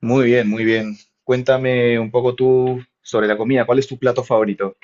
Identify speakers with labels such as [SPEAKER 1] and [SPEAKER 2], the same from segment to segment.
[SPEAKER 1] Muy bien, muy bien. Cuéntame un poco tú sobre la comida. ¿Cuál es tu plato favorito?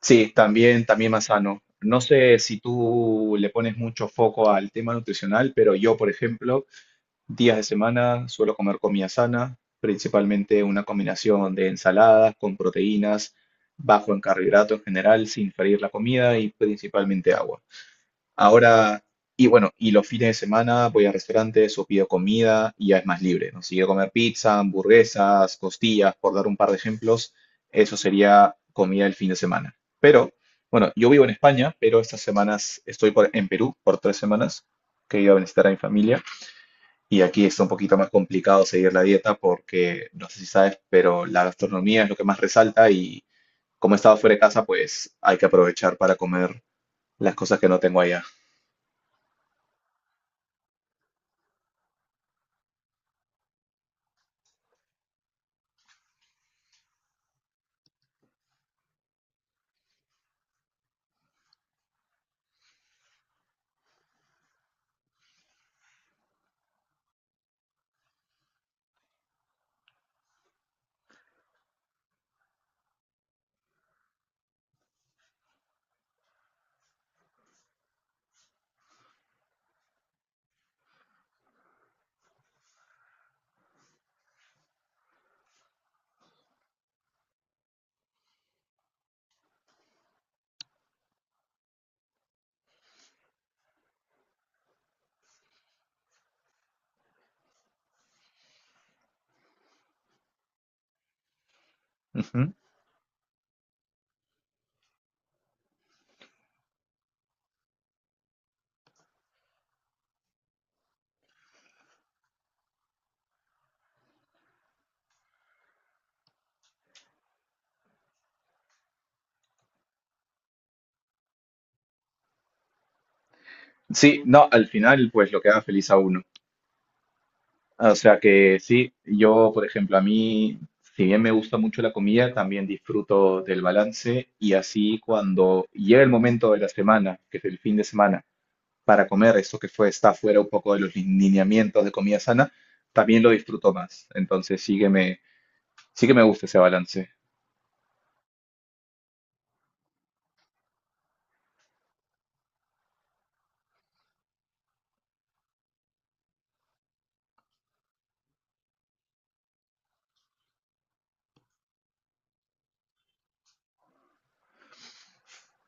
[SPEAKER 1] Sí, también, también más sano. No sé si tú le pones mucho foco al tema nutricional, pero yo, por ejemplo, días de semana suelo comer comida sana, principalmente una combinación de ensaladas con proteínas, bajo en carbohidratos en general, sin freír la comida y principalmente agua. Ahora, y bueno, y los fines de semana voy a restaurantes o pido comida y ya es más libre, ¿no? Si quiero comer pizza, hamburguesas, costillas, por dar un par de ejemplos, eso sería comida el fin de semana. Pero bueno, yo vivo en España, pero estas semanas estoy en Perú por 3 semanas, que he ido a visitar a mi familia. Y aquí está un poquito más complicado seguir la dieta porque, no sé si sabes, pero la gastronomía es lo que más resalta y, como he estado fuera de casa, pues hay que aprovechar para comer las cosas que no tengo allá. Sí, no, al final pues lo que queda feliz a uno. Ah, o sea que sí, yo por ejemplo, a mí, si bien me gusta mucho la comida, también disfruto del balance, y así cuando llega el momento de la semana, que es el fin de semana, para comer eso que fue, está fuera un poco de los lineamientos de comida sana, también lo disfruto más. Entonces sí que me gusta ese balance.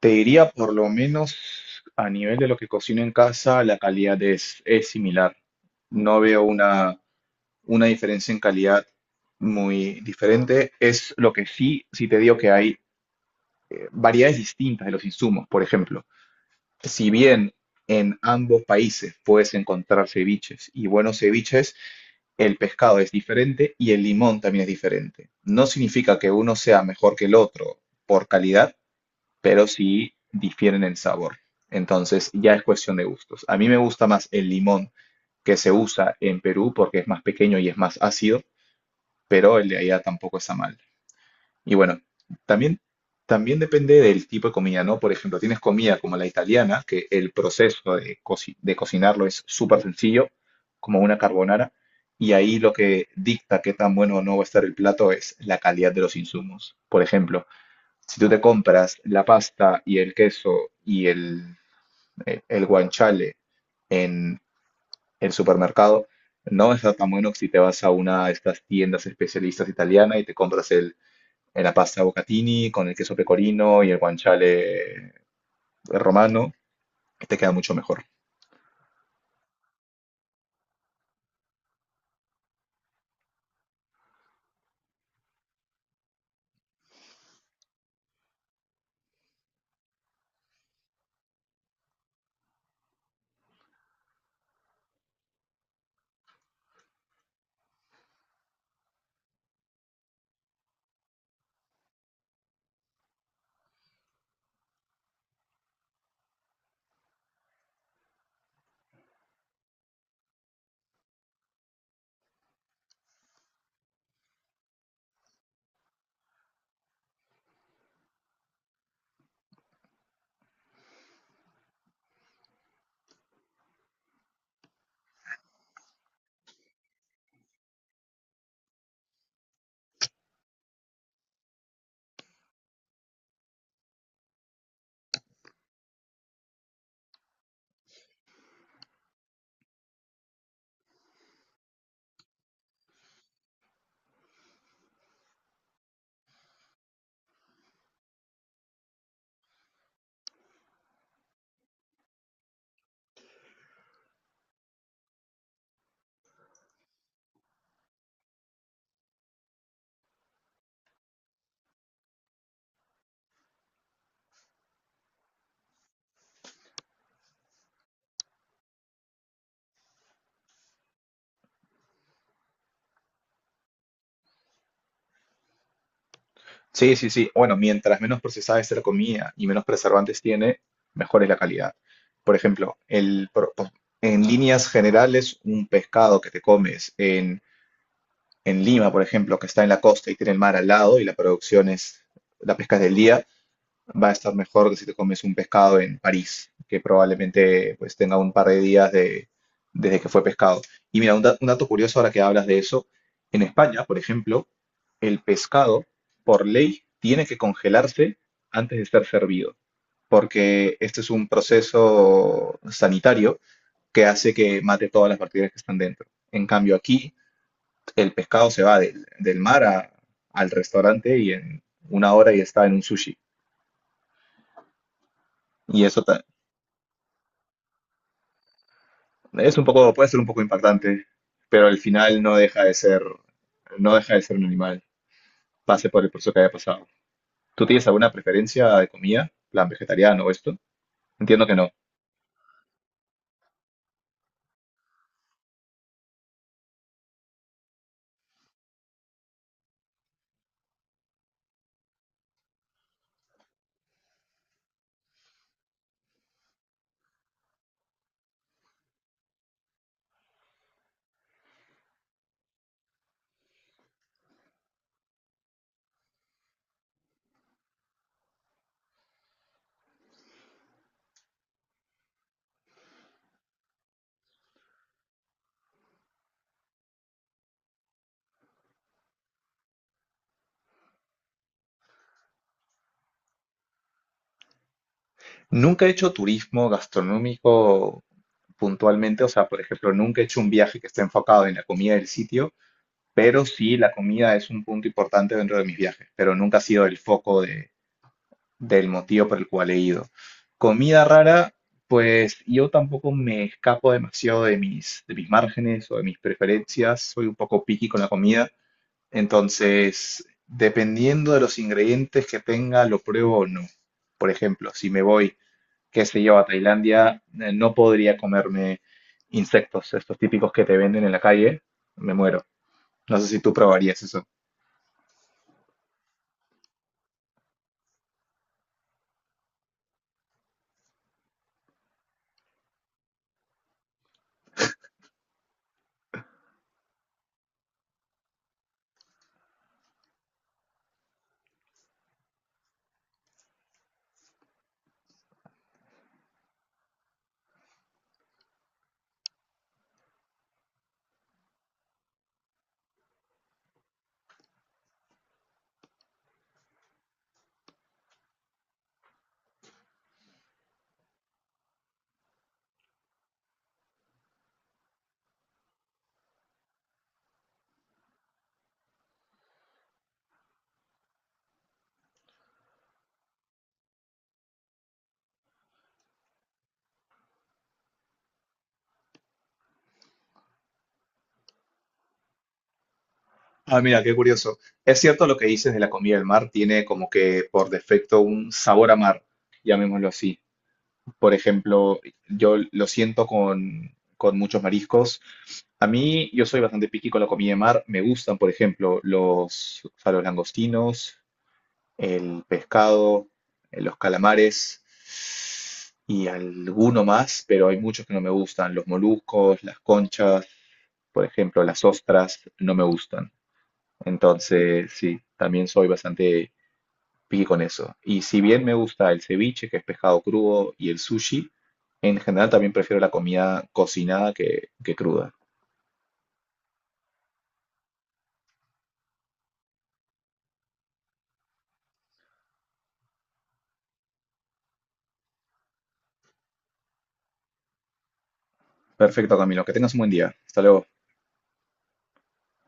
[SPEAKER 1] Te diría, por lo menos a nivel de lo que cocino en casa, la calidad es similar. No veo una diferencia en calidad muy diferente. Es lo que sí, sí te digo que hay variedades distintas de los insumos. Por ejemplo, si bien en ambos países puedes encontrar ceviches y buenos ceviches, el pescado es diferente y el limón también es diferente. No significa que uno sea mejor que el otro por calidad, pero sí difieren en sabor. Entonces ya es cuestión de gustos. A mí me gusta más el limón que se usa en Perú porque es más pequeño y es más ácido, pero el de allá tampoco está mal. Y bueno, también, también depende del tipo de comida, ¿no? Por ejemplo, tienes comida como la italiana, que el proceso de, de cocinarlo es súper sencillo, como una carbonara, y ahí lo que dicta qué tan bueno o no va a estar el plato es la calidad de los insumos. Por ejemplo, si tú te compras la pasta y el queso y el guanciale en el supermercado, no está tan bueno que si te vas a una de estas tiendas especialistas italianas y te compras el, en la pasta bocatini con el queso pecorino y el guanciale romano, que te queda mucho mejor. Sí, sí, sí. Bueno, mientras menos procesada es la comida y menos preservantes tiene, mejor es la calidad. Por ejemplo, en líneas generales, un pescado que te comes en, Lima, por ejemplo, que está en la costa y tiene el mar al lado y la producción es, la pesca es del día, va a estar mejor que si te comes un pescado en París, que probablemente pues tenga un par de días de, desde que fue pescado. Y mira, un dato curioso ahora que hablas de eso, en España, por ejemplo, el pescado, por ley, tiene que congelarse antes de ser servido, porque este es un proceso sanitario que hace que mate todas las bacterias que están dentro. En cambio, aquí el pescado se va del mar a- al restaurante y en una hora ya está en un sushi. Y eso ta- Es un poco, puede ser un poco impactante, pero al final no deja de ser, no deja de ser un animal, pase por el proceso que haya pasado. ¿Tú tienes alguna preferencia de comida, plan vegetariano o esto? Entiendo que no. Nunca he hecho turismo gastronómico puntualmente, o sea, por ejemplo, nunca he hecho un viaje que esté enfocado en la comida del sitio, pero sí la comida es un punto importante dentro de mis viajes, pero nunca ha sido el foco de, del motivo por el cual he ido. Comida rara, pues yo tampoco me escapo demasiado de mis, márgenes o de mis preferencias, soy un poco picky con la comida, entonces dependiendo de los ingredientes que tenga, lo pruebo o no. Por ejemplo, si me voy, qué sé yo, a Tailandia, no podría comerme insectos, estos típicos que te venden en la calle, me muero. No sé si tú probarías eso. Ah, mira, qué curioso. Es cierto lo que dices de la comida del mar, tiene como que por defecto un sabor a mar, llamémoslo así. Por ejemplo, yo lo siento con, muchos mariscos. A mí, yo soy bastante picky con la comida de mar. Me gustan, por ejemplo, los, o sea, los langostinos, el pescado, los calamares y alguno más, pero hay muchos que no me gustan. Los moluscos, las conchas, por ejemplo, las ostras, no me gustan. Entonces, sí, también soy bastante picky con eso. Y si bien me gusta el ceviche, que es pescado crudo, y el sushi, en general también prefiero la comida cocinada que, cruda. Perfecto, Camilo, que tengas un buen día. Hasta luego.